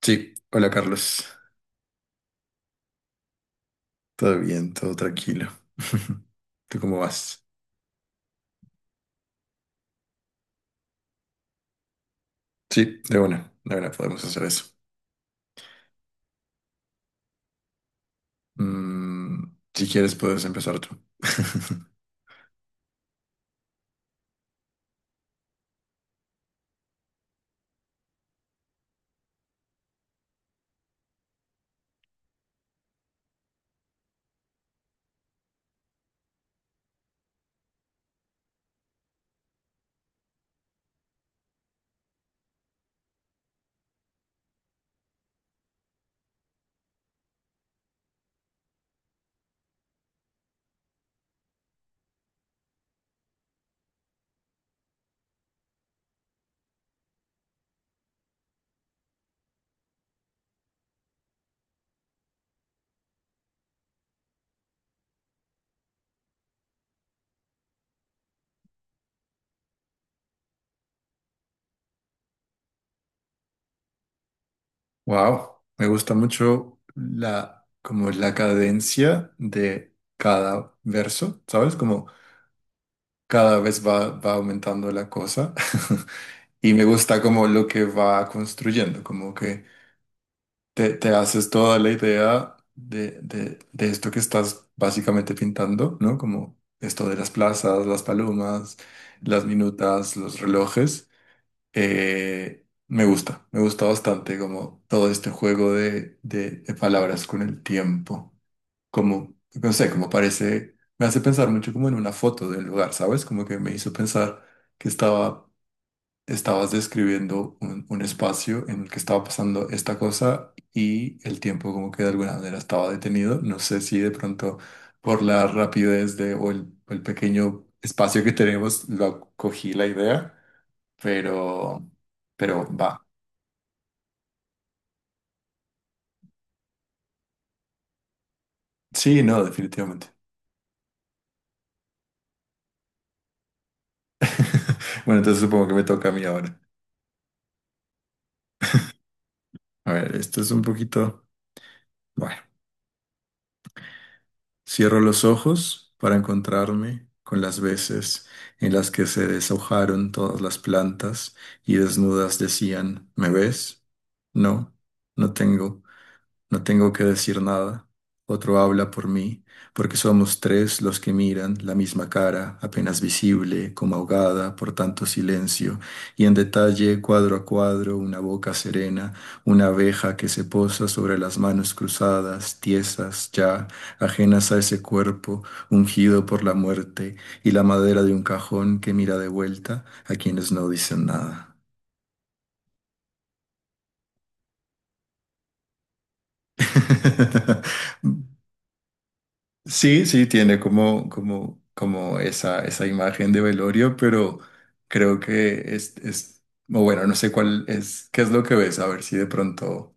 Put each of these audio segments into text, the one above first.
Sí, hola Carlos. Todo bien, todo tranquilo. ¿Tú cómo vas? Sí, de una podemos hacer eso. Mm, si quieres, puedes empezar tú. Wow, me gusta mucho como la cadencia de cada verso, ¿sabes? Como cada vez va aumentando la cosa y me gusta como lo que va construyendo, como que te haces toda la idea de esto que estás básicamente pintando, ¿no? Como esto de las plazas, las palomas, las minutas, los relojes. Me gusta, me gusta bastante como todo este juego de palabras con el tiempo. Como, no sé, como parece, me hace pensar mucho como en una foto del lugar, ¿sabes? Como que me hizo pensar que estabas describiendo un espacio en el que estaba pasando esta cosa y el tiempo como que de alguna manera estaba detenido. No sé si de pronto por la rapidez de, el pequeño espacio que tenemos lo cogí la idea, pero, pero va. Sí, no, definitivamente. Bueno, entonces supongo que me toca a mí ahora. A ver, esto es un poquito... Bueno. Cierro los ojos para encontrarme con las veces en las que se deshojaron todas las plantas y desnudas decían, ¿me ves? No, no tengo. No tengo que decir nada. Otro habla por mí, porque somos tres los que miran la misma cara, apenas visible, como ahogada por tanto silencio, y en detalle, cuadro a cuadro, una boca serena, una abeja que se posa sobre las manos cruzadas, tiesas ya, ajenas a ese cuerpo, ungido por la muerte, y la madera de un cajón que mira de vuelta a quienes no dicen nada. Sí, sí, tiene como, como, como esa imagen de velorio, pero creo que es, o bueno, no sé cuál es, qué es lo que ves, a ver si de pronto.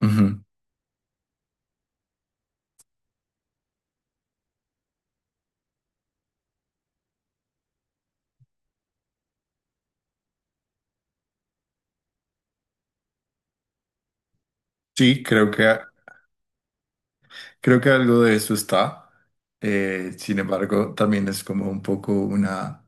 Ujú. Sí, creo que algo de eso está. Sin embargo, también es como un poco una.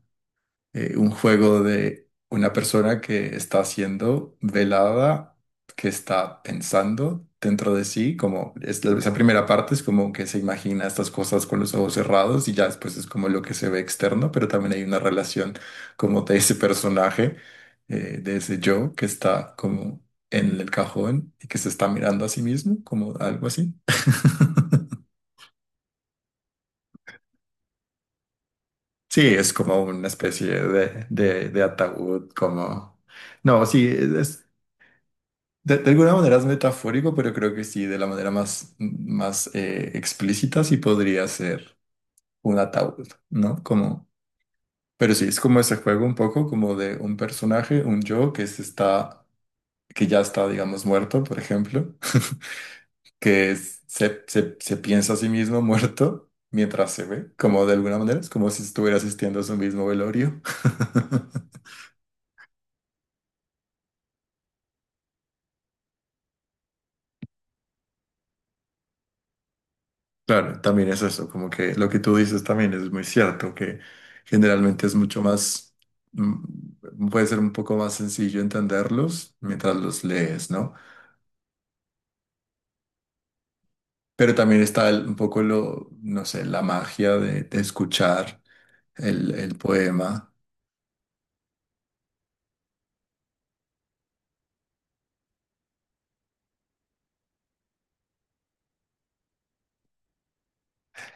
Un juego de una persona que está siendo velada, que está pensando dentro de sí, como es esa primera parte es como que se imagina estas cosas con los ojos cerrados y ya después es como lo que se ve externo, pero también hay una relación como de ese personaje, de ese yo que está como en el cajón y que se está mirando a sí mismo, como algo así. Sí, es como una especie de ataúd, como... No, sí, de alguna manera es metafórico, pero creo que sí, de la manera más, más explícita sí podría ser un ataúd, ¿no? Como, pero sí, es como ese juego un poco como de un personaje, un yo que se está, que ya está, digamos, muerto, por ejemplo, que se piensa a sí mismo muerto mientras se ve, como de alguna manera, es como si estuviera asistiendo a su mismo velorio. Claro, también es eso, como que lo que tú dices también es muy cierto, que generalmente es mucho más, puede ser un poco más sencillo entenderlos mientras los lees, ¿no? Pero también está un poco lo, no sé, la magia de escuchar el poema.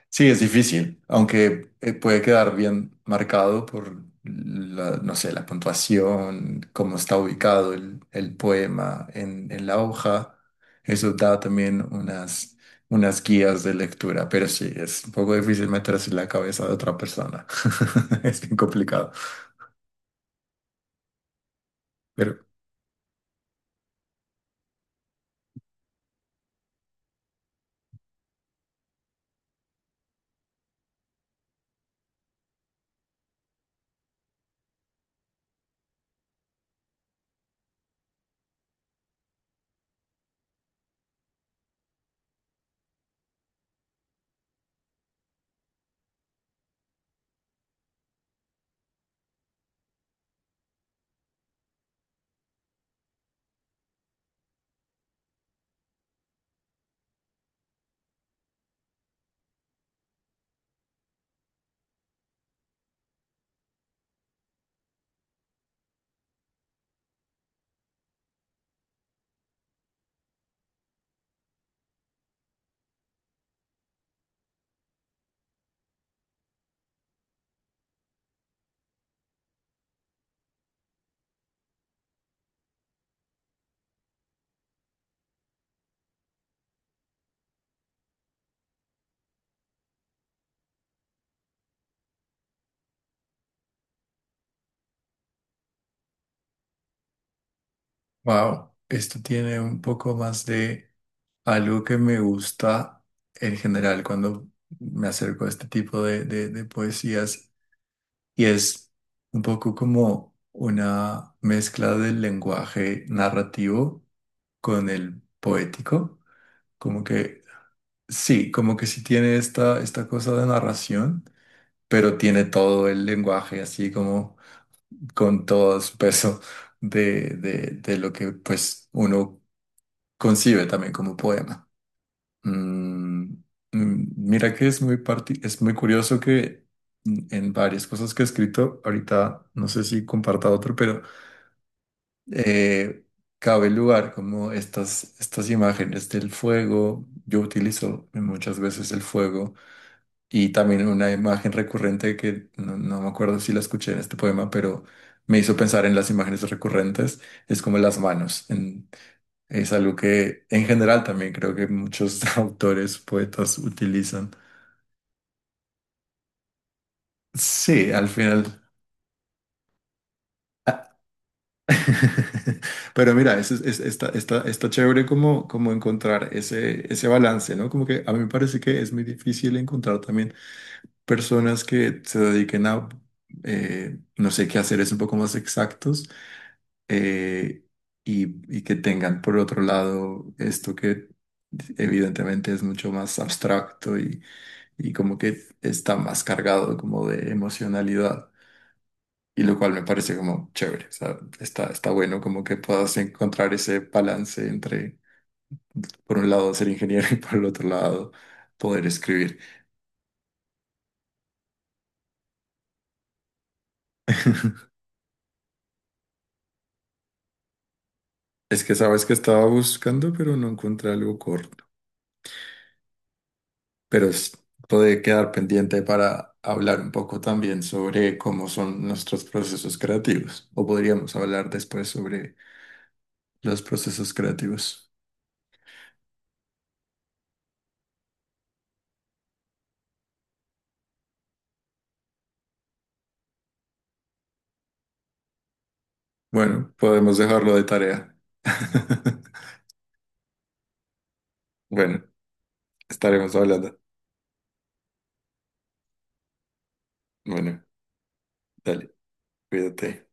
Sí, es difícil, aunque puede quedar bien marcado por la, no sé, la puntuación, cómo está ubicado el poema en la hoja. Eso da también unas, unas guías de lectura, pero sí, es un poco difícil meterse en la cabeza de otra persona. Es bien complicado. Pero, wow, esto tiene un poco más de algo que me gusta en general cuando me acerco a este tipo de, de poesías. Y es un poco como una mezcla del lenguaje narrativo con el poético. Como que sí, como que sí tiene esta, esta cosa de narración, pero tiene todo el lenguaje así como con todo su peso de lo que pues uno concibe también como poema. Mm, Mira que es muy, es muy curioso que en varias cosas que he escrito. Ahorita no sé si comparta otro, pero eh, cabe lugar como estas, estas imágenes del fuego. Yo utilizo muchas veces el fuego y también una imagen recurrente que no, no me acuerdo si la escuché en este poema, pero me hizo pensar en las imágenes recurrentes, es como las manos. Es algo que en general también creo que muchos autores, poetas utilizan. Sí, al final. Pero mira, está, está chévere como, como encontrar ese, ese balance, ¿no? Como que a mí me parece que es muy difícil encontrar también personas que se dediquen a, no sé, qué hacer es un poco más exactos. eh, y, y que tengan por otro lado esto que evidentemente es mucho más abstracto y como que está más cargado como de emocionalidad. Y lo cual me parece como chévere, o sea, está, está bueno como que puedas encontrar ese balance entre, por un lado, ser ingeniero y por el otro lado, poder escribir. Es que sabes que estaba buscando, pero no encontré algo corto. Pero puede quedar pendiente para hablar un poco también sobre cómo son nuestros procesos creativos. O podríamos hablar después sobre los procesos creativos. Bueno, podemos dejarlo de tarea. Bueno, estaremos hablando. Bueno, dale. Cuídate.